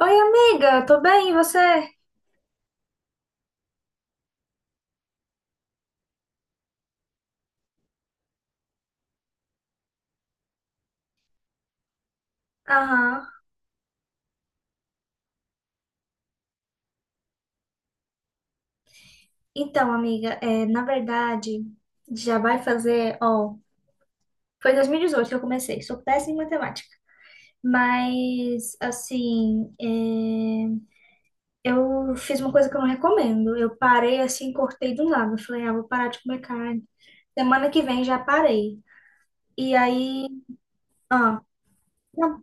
Oi, amiga, tô bem, e você? Aham. Então, amiga, é, na verdade, já vai fazer, ó, foi em 2018 que eu comecei, sou péssima em matemática, mas, assim, é, eu fiz uma coisa que eu não recomendo, eu parei, assim, cortei do nada, falei, ah, vou parar de comer carne, semana que vem já parei, e aí, ah, não.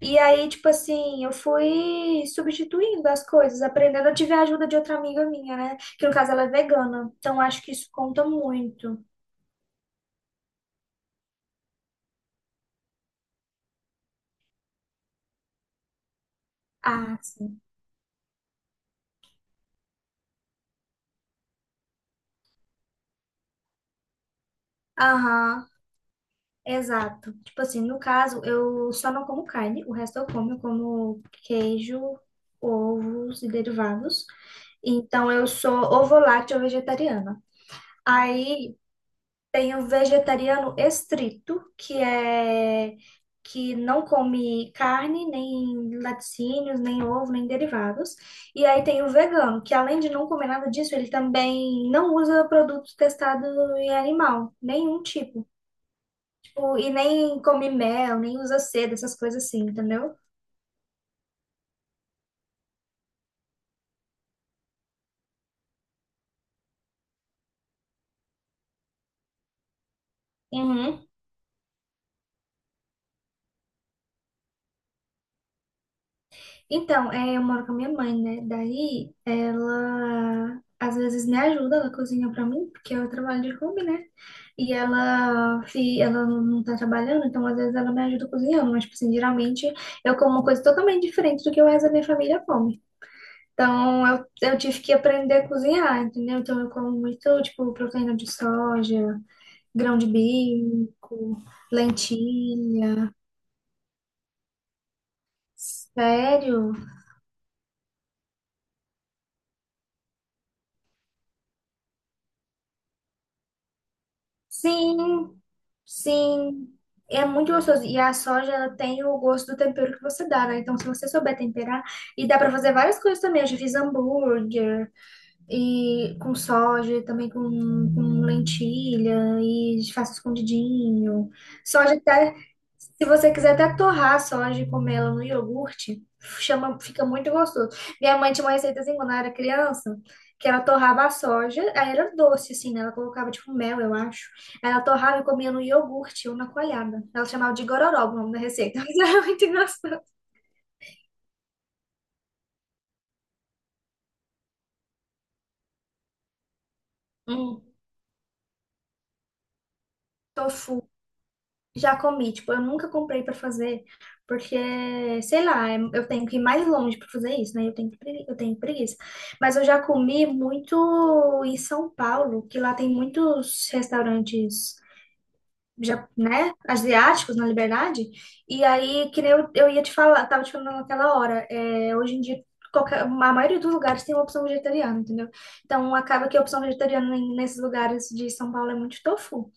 E aí, tipo assim, eu fui substituindo as coisas, aprendendo. Eu tive a ajuda de outra amiga minha, né? Que no caso ela é vegana. Então acho que isso conta muito. Ah, sim. Aham, exato. Tipo assim, no caso, eu só não como carne, o resto eu como. Eu como queijo, ovos e derivados. Então eu sou ovo-lácteo vegetariana. Aí tem o vegetariano estrito, que é que não come carne, nem laticínios, nem ovo, nem derivados. E aí tem o vegano, que além de não comer nada disso, ele também não usa produto testado em animal, nenhum tipo. Tipo, e nem come mel, nem usa seda, essas coisas assim, entendeu? Uhum. Então, é, eu moro com a minha mãe, né? Daí ela às vezes me ajuda, ela cozinha pra mim, porque eu trabalho de home, né? E ela não tá trabalhando, então às vezes ela me ajuda cozinhando, mas, tipo assim, geralmente eu como uma coisa totalmente diferente do que o resto da minha família come. Então eu tive que aprender a cozinhar, entendeu? Então eu como muito, tipo, proteína de soja, grão de bico, lentilha. Sério? Sim, sim. É muito gostoso. E a soja, ela tem o gosto do tempero que você dá, né? Então, se você souber temperar, e dá pra fazer várias coisas também. Eu já fiz hambúrguer. E com soja, também com lentilha e faço escondidinho. Soja até, se você quiser até torrar a soja e comer ela no iogurte, chama, fica muito gostoso. Minha mãe tinha uma receita assim quando ela era criança, que ela torrava a soja, aí era doce assim, né? Ela colocava tipo mel, eu acho. Aí ela torrava e comia no iogurte ou na coalhada. Ela chamava de gororoba o nome da receita, mas era muito engraçado. Hum, tofu. Já comi, tipo, eu nunca comprei pra fazer, porque, sei lá, eu tenho que ir mais longe pra fazer isso, né? Eu tenho, eu tenho preguiça. Mas eu já comi muito em São Paulo, que lá tem muitos restaurantes, já, né, asiáticos na Liberdade. E aí, que nem eu, eu ia te falar, tava te falando naquela hora, é, hoje em dia, qualquer, a maioria dos lugares tem uma opção vegetariana, entendeu? Então, acaba que a opção vegetariana nesses lugares de São Paulo é muito tofu.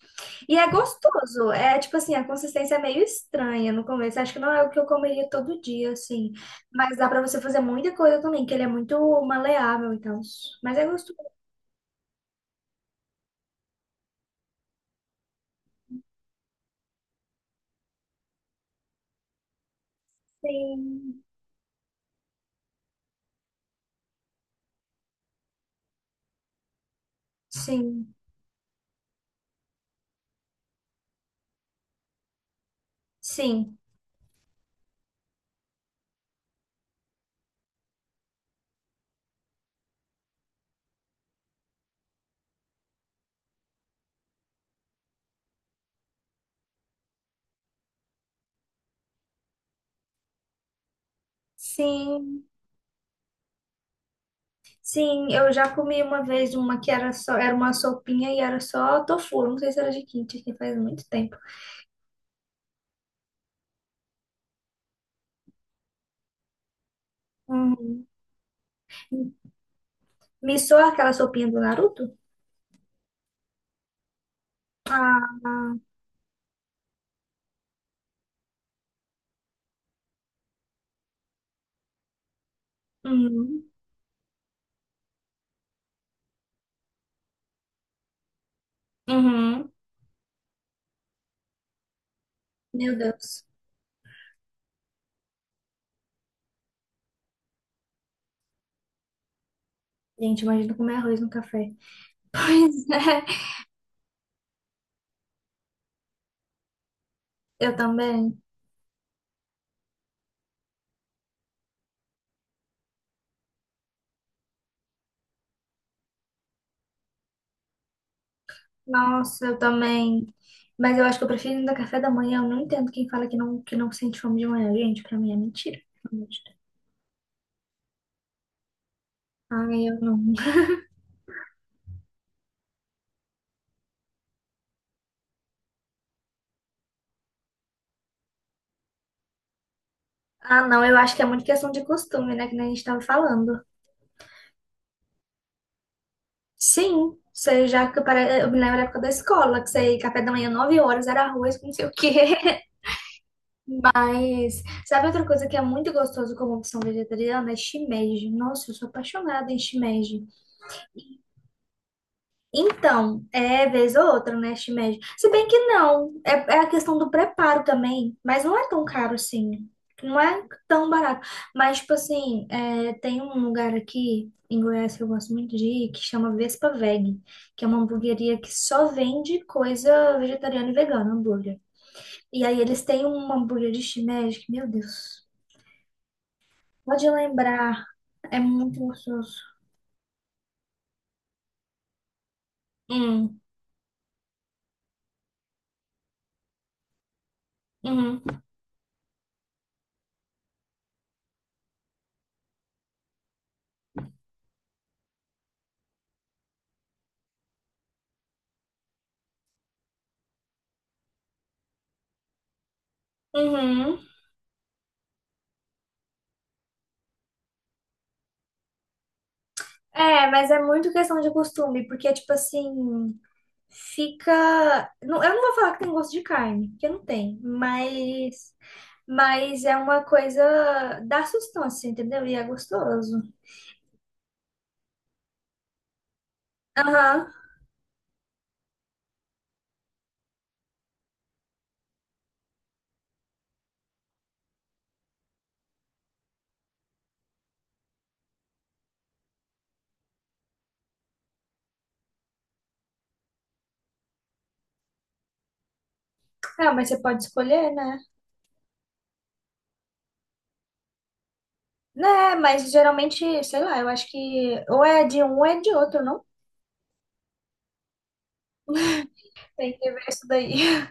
E é gostoso. É tipo assim, a consistência é meio estranha no começo. Acho que não é o que eu comeria todo dia, assim. Mas dá pra você fazer muita coisa também, que ele é muito maleável e tal. Mas é gostoso. Sim, sim, sim, sim. Sim, eu já comi uma vez uma que era só, era uma sopinha e era só tofu. Não sei se era de kimchi, que faz muito tempo. Uhum. Missou aquela sopinha do Naruto? Ah, uhum. Uhum. Meu Deus. Gente, imagina comer arroz no café. Pois é, eu também. Nossa, eu também. Mas eu acho que eu prefiro ainda café da manhã. Eu não entendo quem fala que não sente fome de manhã. Gente, pra mim é mentira. Realmente. Ai, eu não. Ah, não, eu acho que é muito questão de costume, né? Que nem a gente tava falando. Sim, você já que eu me lembro da época da escola, que você ia café da manhã, 9 horas, era arroz com não sei o quê. Mas sabe outra coisa que é muito gostoso como opção vegetariana? É shimeji. Nossa, eu sou apaixonada em shimeji. Então, é vez ou outra, né, este médio. Se bem que não, é, é a questão do preparo também, mas não é tão caro assim, não é tão barato. Mas, tipo assim, é, tem um lugar aqui em Goiás que eu gosto muito de ir, que chama Vespa Veg, que é uma hamburgueria que só vende coisa vegetariana e vegana, hambúrguer. E aí eles têm um hambúrguer de shimeji, que, meu Deus, pode lembrar, é muito gostoso. Hum, uhum, uhum. É, mas é muito questão de costume, porque, tipo assim, fica. Não, eu não vou falar que tem gosto de carne, porque não tem, mas. Mas é uma coisa dá sustância, entendeu? E é gostoso. Aham. Ah, mas você pode escolher, né? Né, mas geralmente, sei lá, eu acho que ou é de um ou é de outro, não? Tem que ver isso daí.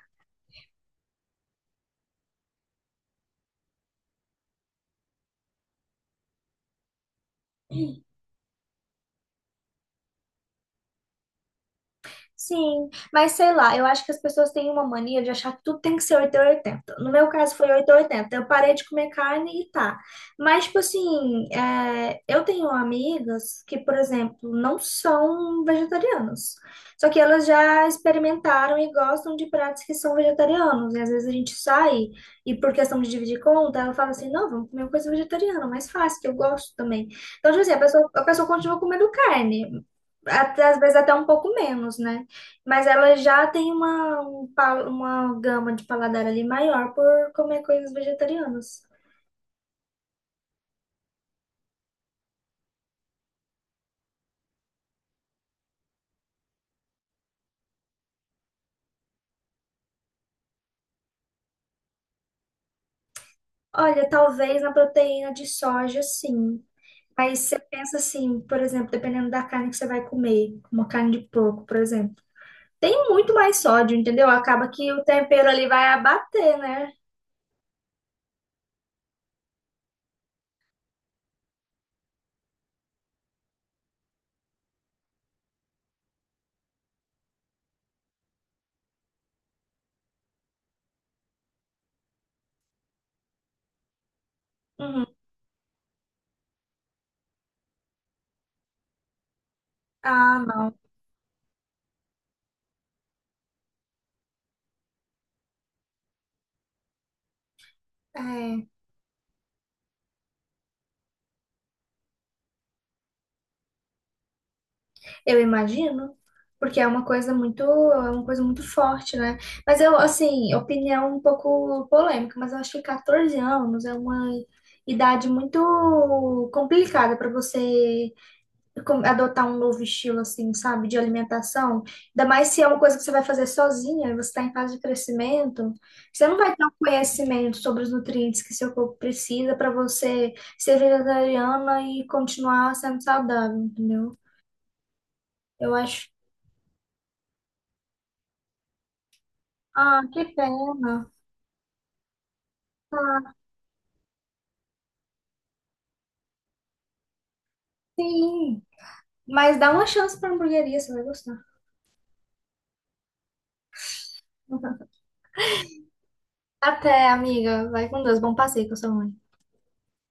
Sim, mas sei lá, eu acho que as pessoas têm uma mania de achar que tudo tem que ser 8 ou 80. No meu caso foi 8 ou 80. Eu parei de comer carne e tá. Mas, tipo assim, é, eu tenho amigas que, por exemplo, não são vegetarianas. Só que elas já experimentaram e gostam de pratos que são vegetarianos. E às vezes a gente sai e, por questão de dividir conta, ela fala assim: não, vamos comer uma coisa vegetariana, mais fácil, que eu gosto também. Então, tipo assim, a pessoa continua comendo carne. Até, às vezes até um pouco menos, né? Mas ela já tem uma, uma gama de paladar ali maior por comer coisas vegetarianas. Olha, talvez na proteína de soja, sim. Mas você pensa assim, por exemplo, dependendo da carne que você vai comer, uma carne de porco, por exemplo, tem muito mais sódio, entendeu? Acaba que o tempero ali vai abater, né? Uhum. Ah, não. É. Eu imagino, porque é uma coisa muito, é uma coisa muito forte, né? Mas eu, assim, opinião um pouco polêmica, mas eu acho que 14 anos é uma idade muito complicada para você adotar um novo estilo, assim, sabe, de alimentação. Ainda mais se é uma coisa que você vai fazer sozinha, você está em fase de crescimento, você não vai ter um conhecimento sobre os nutrientes que seu corpo precisa para você ser vegetariana e continuar sendo saudável, entendeu? Eu acho. Ah, que pena. Ah, sim. Mas dá uma chance pra hamburgueria, você vai gostar. Até, amiga. Vai com Deus. Bom passeio com a sua mãe.